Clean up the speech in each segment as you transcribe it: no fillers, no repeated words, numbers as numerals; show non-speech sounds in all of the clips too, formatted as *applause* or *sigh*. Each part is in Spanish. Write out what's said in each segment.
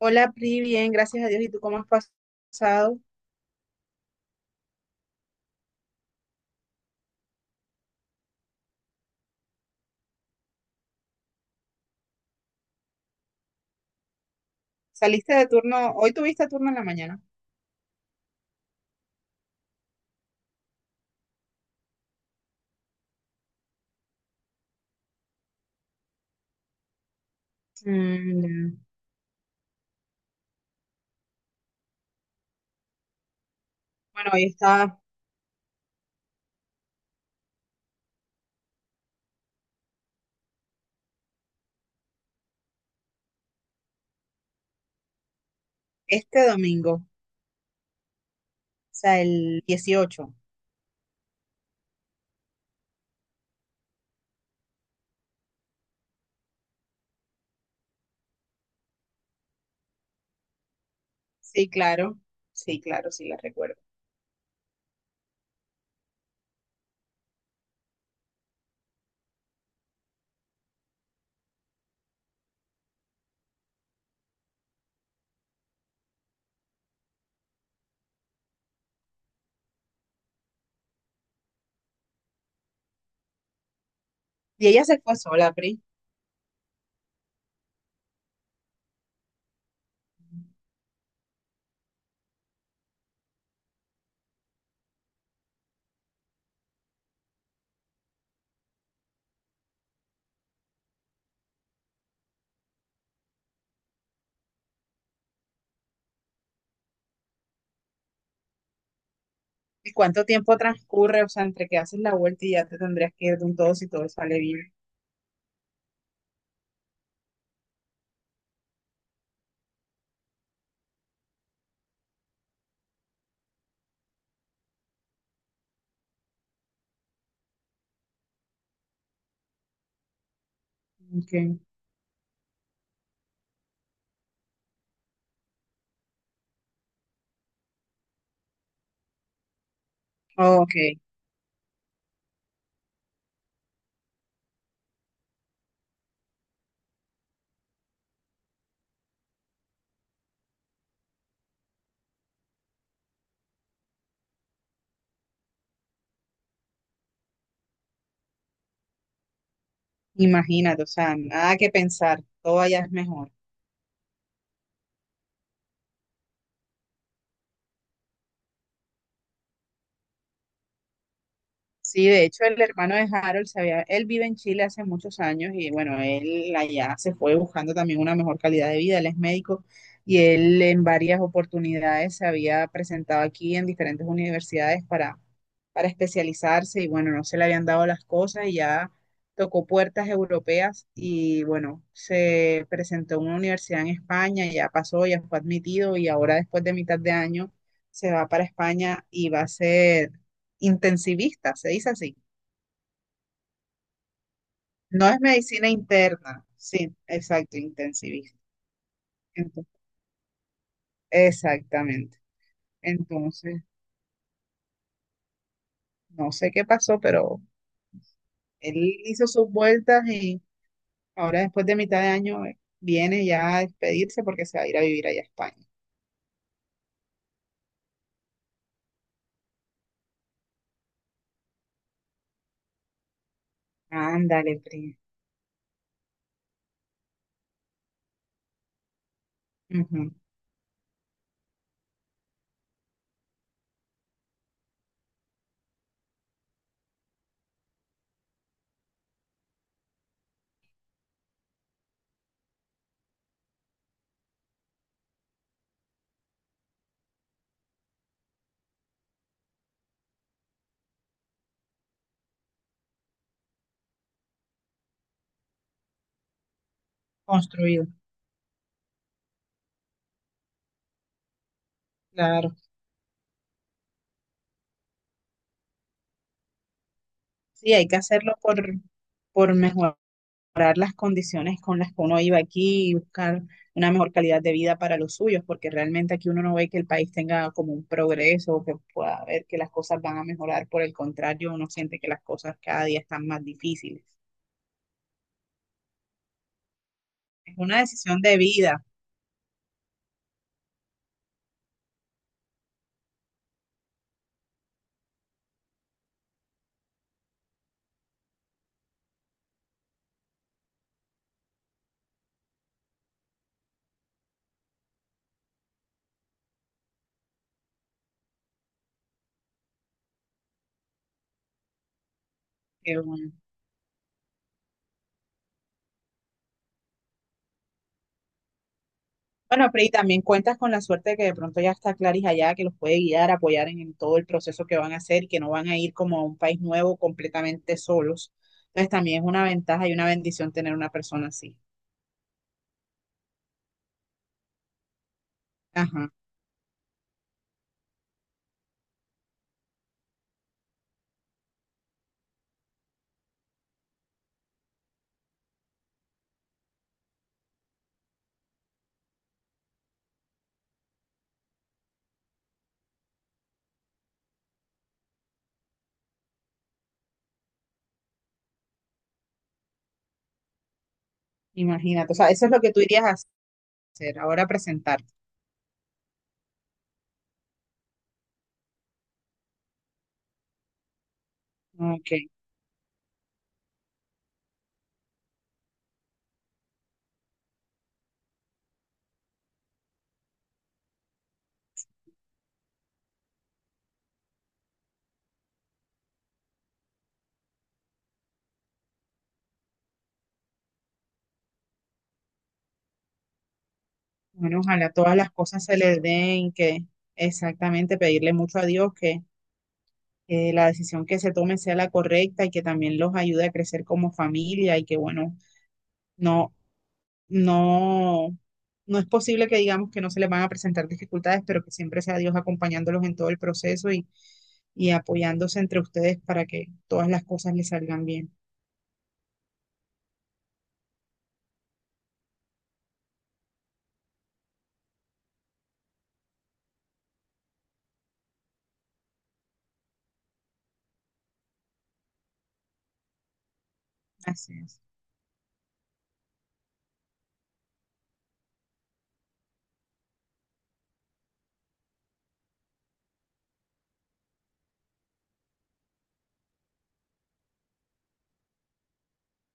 Hola, Pri, bien, gracias a Dios. ¿Y tú cómo has pasado? ¿Saliste de turno? Hoy tuviste turno en la mañana. Mm, ya. Bueno, hoy está este domingo, o sea, el 18. Sí, claro. Sí, claro, sí la recuerdo. ¿Y ella se fue sola, Pri? ¿Y cuánto tiempo transcurre? O sea, entre que haces la vuelta y ya te tendrías que ir de un todo si todo sale bien. Ok. Ok, imagínate, o sea, nada que pensar, todo allá es mejor. Sí, de hecho el hermano de Harold él vive en Chile hace muchos años y bueno, él allá se fue buscando también una mejor calidad de vida, él es médico y él en varias oportunidades se había presentado aquí en diferentes universidades para especializarse y bueno, no se le habían dado las cosas y ya tocó puertas europeas y bueno, se presentó en una universidad en España, ya pasó, ya fue admitido y ahora después de mitad de año se va para España y va a ser intensivista, se dice así. No es medicina interna, sí, exacto, intensivista. Ento- Exactamente. Entonces, no sé qué pasó, pero él hizo sus vueltas y ahora después de mitad de año viene ya a despedirse porque se va a ir a vivir allá a España. Ándale, primo. Ujú. Construido, claro. Sí, hay que hacerlo por mejor, mejorar las condiciones con las que uno iba aquí y buscar una mejor calidad de vida para los suyos, porque realmente aquí uno no ve que el país tenga como un progreso o que pueda ver que las cosas van a mejorar, por el contrario, uno siente que las cosas cada día están más difíciles. Es una decisión de vida. que uno- Bueno, pero y también cuentas con la suerte de que de pronto ya está Claris allá, que los puede guiar, apoyar en todo el proceso que van a hacer, que no van a ir como a un país nuevo completamente solos. Entonces también es una ventaja y una bendición tener una persona así. Ajá. Imagínate, o sea, eso es lo que tú irías a hacer, ahora presentarte. Ok, bueno, ojalá todas las cosas se les den, que exactamente pedirle mucho a Dios que la decisión que se tome sea la correcta y que también los ayude a crecer como familia y que, bueno, no, no, no es posible que digamos que no se les van a presentar dificultades, pero que siempre sea Dios acompañándolos en todo el proceso y apoyándose entre ustedes para que todas las cosas les salgan bien. Así es.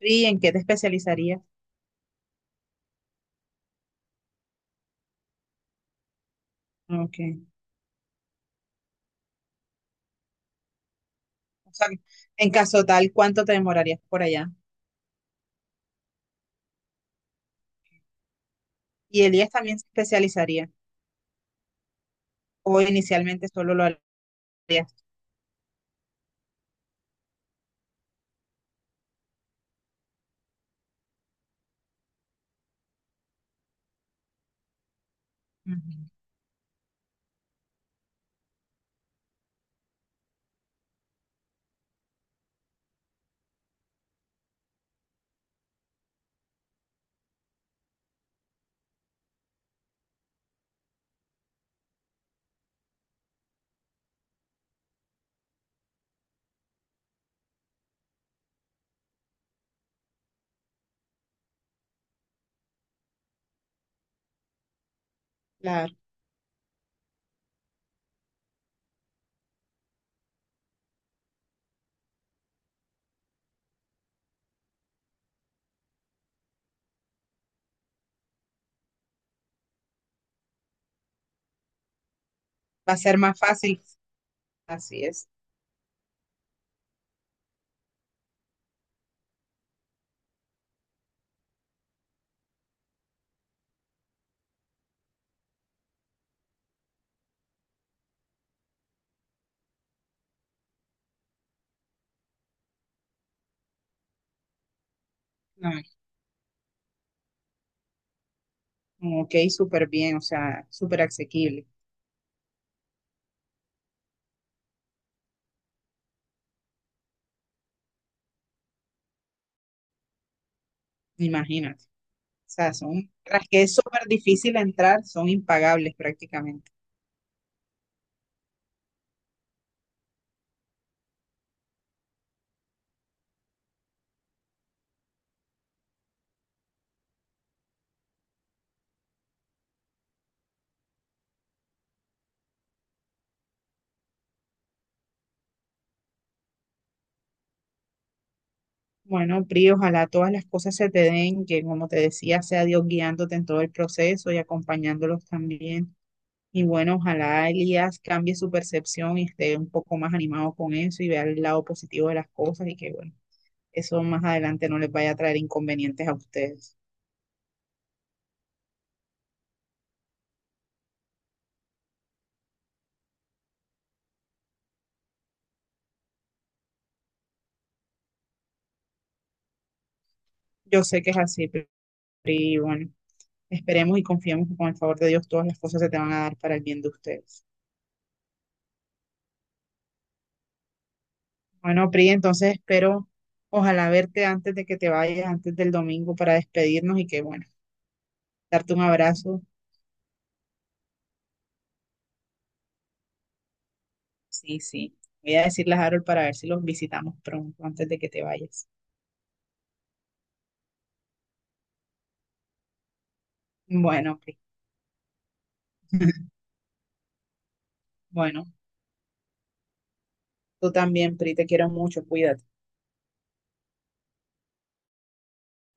¿Y en qué te especializarías? Ok. O sea, en caso tal, ¿cuánto te demorarías por allá? ¿Y Elías también se especializaría, o inicialmente solo lo harías? Ujú. Claro, va a ser más fácil, así es. No, ok, súper bien, o sea, súper asequible, imagínate. O sea, son, tras que es súper difícil entrar, son impagables prácticamente. Bueno, Pri, ojalá todas las cosas se te den, que como te decía, sea Dios guiándote en todo el proceso y acompañándolos también. Y bueno, ojalá Elías cambie su percepción y esté un poco más animado con eso y vea el lado positivo de las cosas y que, bueno, eso más adelante no les vaya a traer inconvenientes a ustedes. Yo sé que es así, pero y bueno, esperemos y confiemos que con el favor de Dios todas las cosas se te van a dar para el bien de ustedes. Bueno, Pri, entonces espero, ojalá verte antes de que te vayas, antes del domingo para despedirnos y que, bueno, darte un abrazo. Sí, sí. Voy a decirle a Harold para ver si los visitamos pronto antes de que te vayas. Bueno, Pri. *laughs* Bueno, tú también, Pri, te quiero mucho, cuídate.